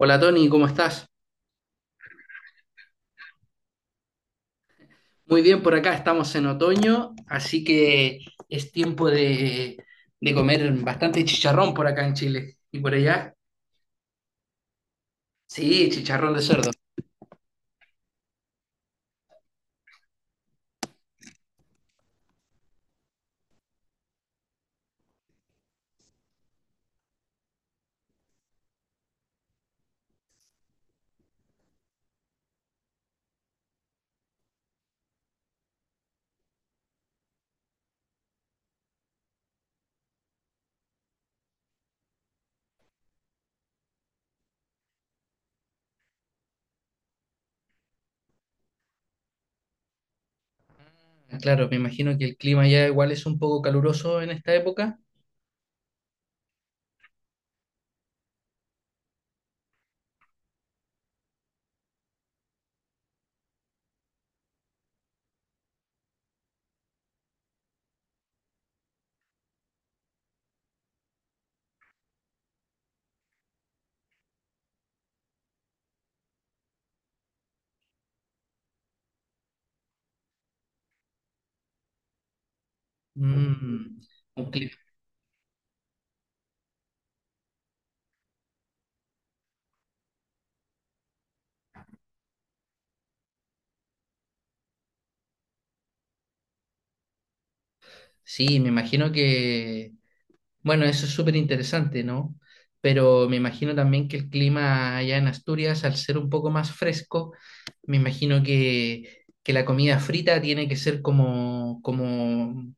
Hola Tony, ¿cómo estás? Muy bien, por acá estamos en otoño, así que es tiempo de comer bastante chicharrón por acá en Chile. ¿Y por allá? Sí, chicharrón de cerdo. Claro, me imagino que el clima ya igual es un poco caluroso en esta época. Mm, un clima. Sí, me imagino que bueno, eso es súper interesante, ¿no? Pero me imagino también que el clima allá en Asturias, al ser un poco más fresco, me imagino que la comida frita tiene que ser como, como,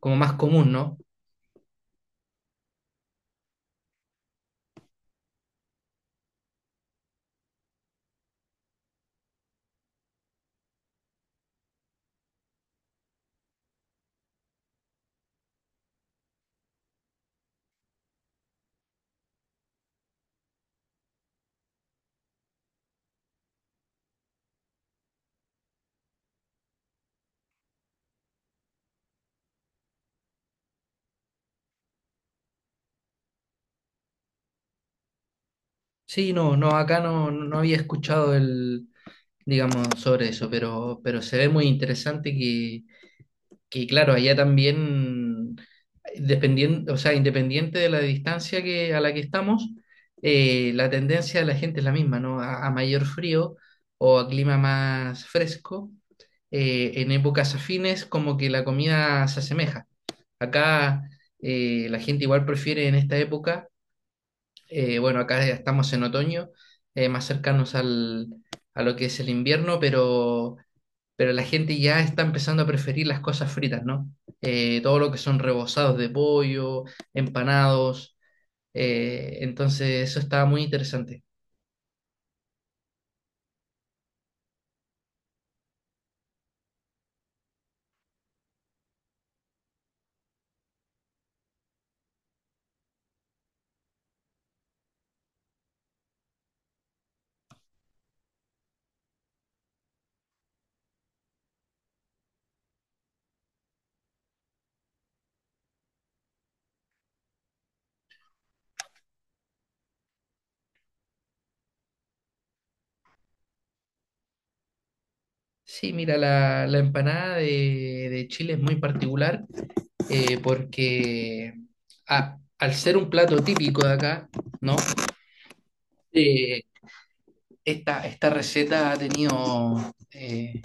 como más común, ¿no? Sí, no, no, acá no, no había escuchado el, digamos, sobre eso, pero se ve muy interesante que claro, allá también, dependiendo, o sea, independiente de la distancia a la que estamos, la tendencia de la gente es la misma, ¿no? A mayor frío o a clima más fresco, en épocas afines como que la comida se asemeja. Acá la gente igual prefiere en esta época, bueno, acá ya estamos en otoño, más cercanos al, a lo que es el invierno, pero la gente ya está empezando a preferir las cosas fritas, ¿no? Todo lo que son rebozados de pollo, empanados, entonces eso estaba muy interesante. Sí, mira, la empanada de Chile es muy particular porque al ser un plato típico de acá, ¿no? Eh, Esta, esta receta ha tenido,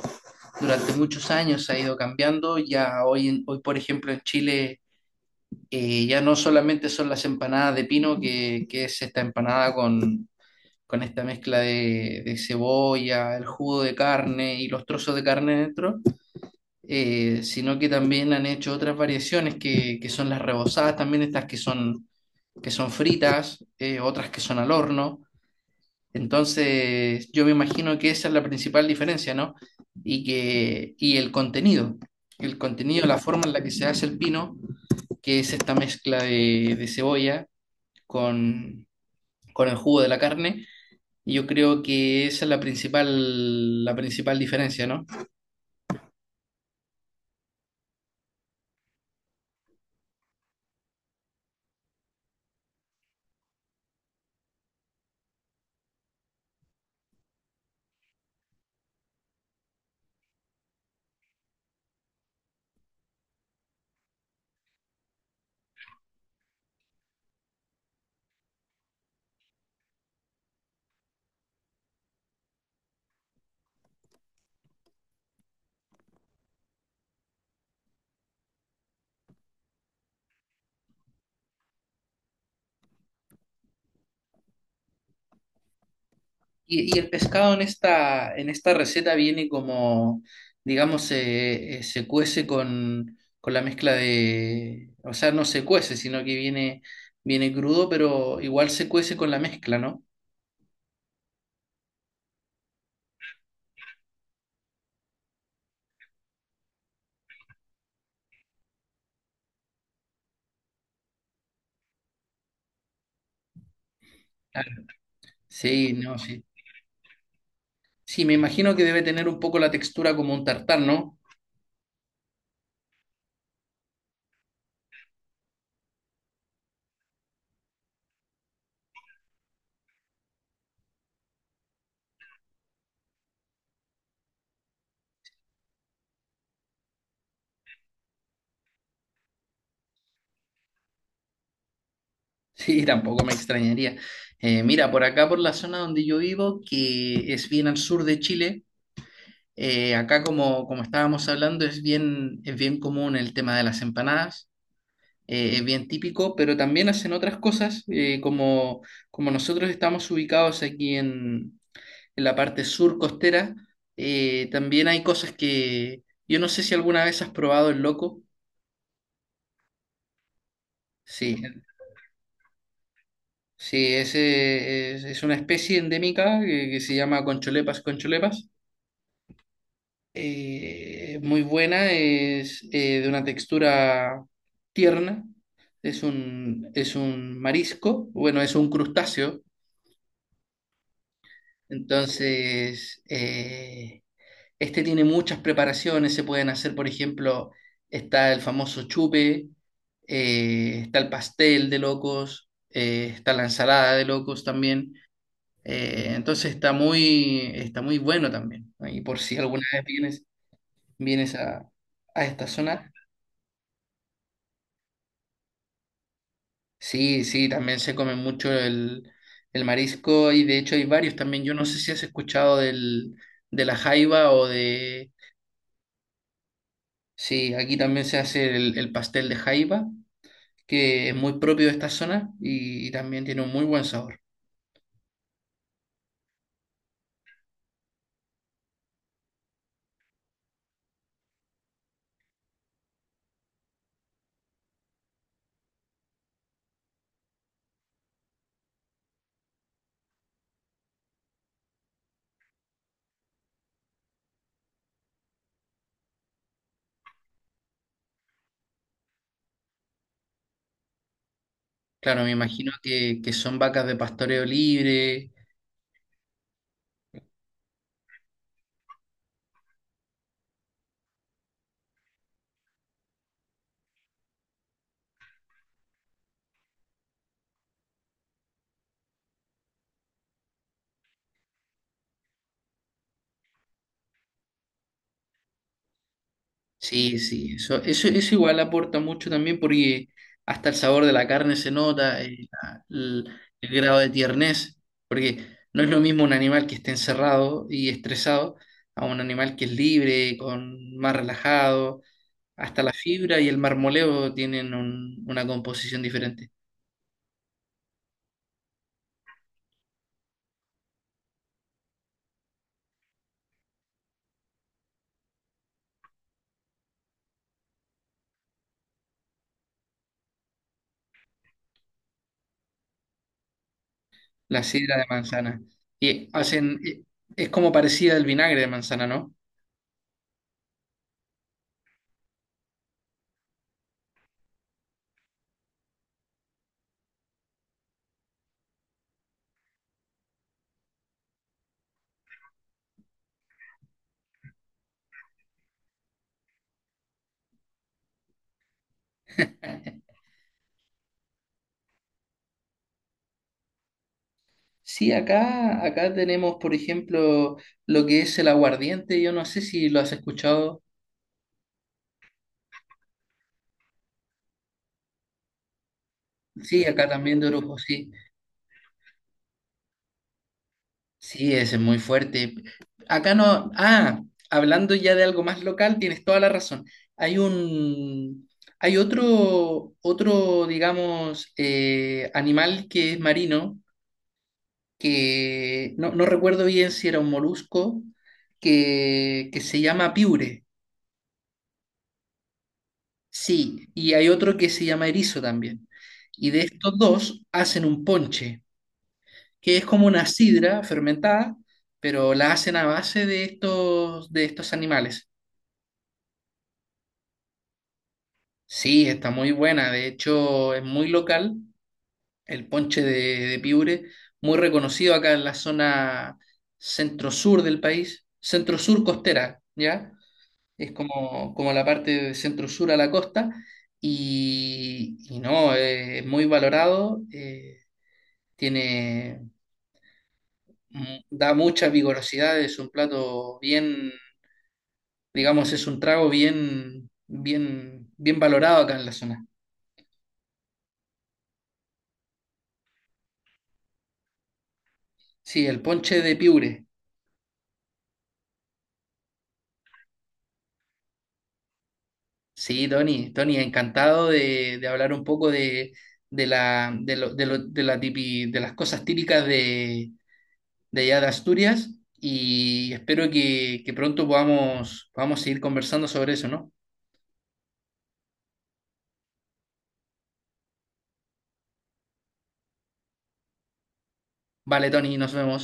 durante muchos años ha ido cambiando, ya hoy, hoy por ejemplo en Chile ya no solamente son las empanadas de pino, que es esta empanada con esta mezcla de cebolla, el jugo de carne y los trozos de carne dentro, sino que también han hecho otras variaciones que son las rebozadas, también estas que son fritas, otras que son al horno. Entonces, yo me imagino que esa es la principal diferencia, ¿no? Y que, y el contenido, la forma en la que se hace el pino, que es esta mezcla de cebolla, con, con el jugo de la carne. Y yo creo que esa es la principal diferencia, ¿no? Y el pescado en esta receta viene como, digamos, se, se cuece con la mezcla de, o sea, no se cuece, sino que viene, viene crudo, pero igual se cuece con la mezcla, ¿no? Claro. Sí, no, sí. Sí, me imagino que debe tener un poco la textura como un tartar, ¿no? Sí, tampoco me extrañaría. Mira, por acá, por la zona donde yo vivo, que es bien al sur de Chile, acá como, como estábamos hablando, es bien común el tema de las empanadas, es bien típico, pero también hacen otras cosas, como, como nosotros estamos ubicados aquí en la parte sur costera, también hay cosas que yo no sé si alguna vez has probado el loco. Sí, sí, ese es una especie endémica que se llama Concholepas concholepas. Muy buena, es de una textura tierna, es un marisco, bueno, es un crustáceo. Entonces, este tiene muchas preparaciones, se pueden hacer, por ejemplo, está el famoso chupe, está el pastel de locos, está la ensalada de locos también. Entonces está muy bueno también. ¿No? Y por si alguna vez vienes, vienes a esta zona, sí, sí, también se come mucho el marisco y de hecho hay varios también. Yo no sé si has escuchado del, de la jaiba o de... Sí, aquí también se hace el pastel de jaiba, que es muy propio de esta zona y también tiene un muy buen sabor. Claro, me imagino que son vacas de pastoreo libre. Sí, sí, eso igual aporta mucho también porque hasta el sabor de la carne se nota, la- el grado de tiernez, porque no es lo mismo un animal que esté encerrado y estresado a un animal que es libre, con más relajado, hasta la fibra y el marmoleo tienen un- una composición diferente. La sidra de manzana, y hacen, es como parecida al vinagre de manzana, ¿no? Sí, acá, acá tenemos, por ejemplo, lo que es el aguardiente. Yo no sé si lo has escuchado. Sí, acá también de orujo, sí. Sí, ese es muy fuerte. Acá no. Ah, hablando ya de algo más local, tienes toda la razón. Hay un. Hay otro, otro, digamos, animal que es marino, que no, no recuerdo bien si era un molusco, que se llama piure. Sí, y hay otro que se llama erizo también. Y de estos dos hacen un ponche, que es como una sidra fermentada, pero la hacen a base de estos animales. Sí, está muy buena. De hecho, es muy local. El ponche de piure, muy reconocido acá en la zona centro-sur del país, centro-sur costera, ¿ya? Es como, como la parte de centro-sur a la costa. Y no, es muy valorado. Eh, tiene, da mucha vigorosidad, es un plato bien, digamos, es un trago bien, bien, bien valorado acá en la zona. Sí, el ponche de piure. Sí, Tony, Tony, encantado de hablar un poco de la, de la de las cosas típicas de allá de Asturias y espero que pronto podamos, podamos seguir conversando sobre eso, ¿no? Vale, Tony, nos vemos.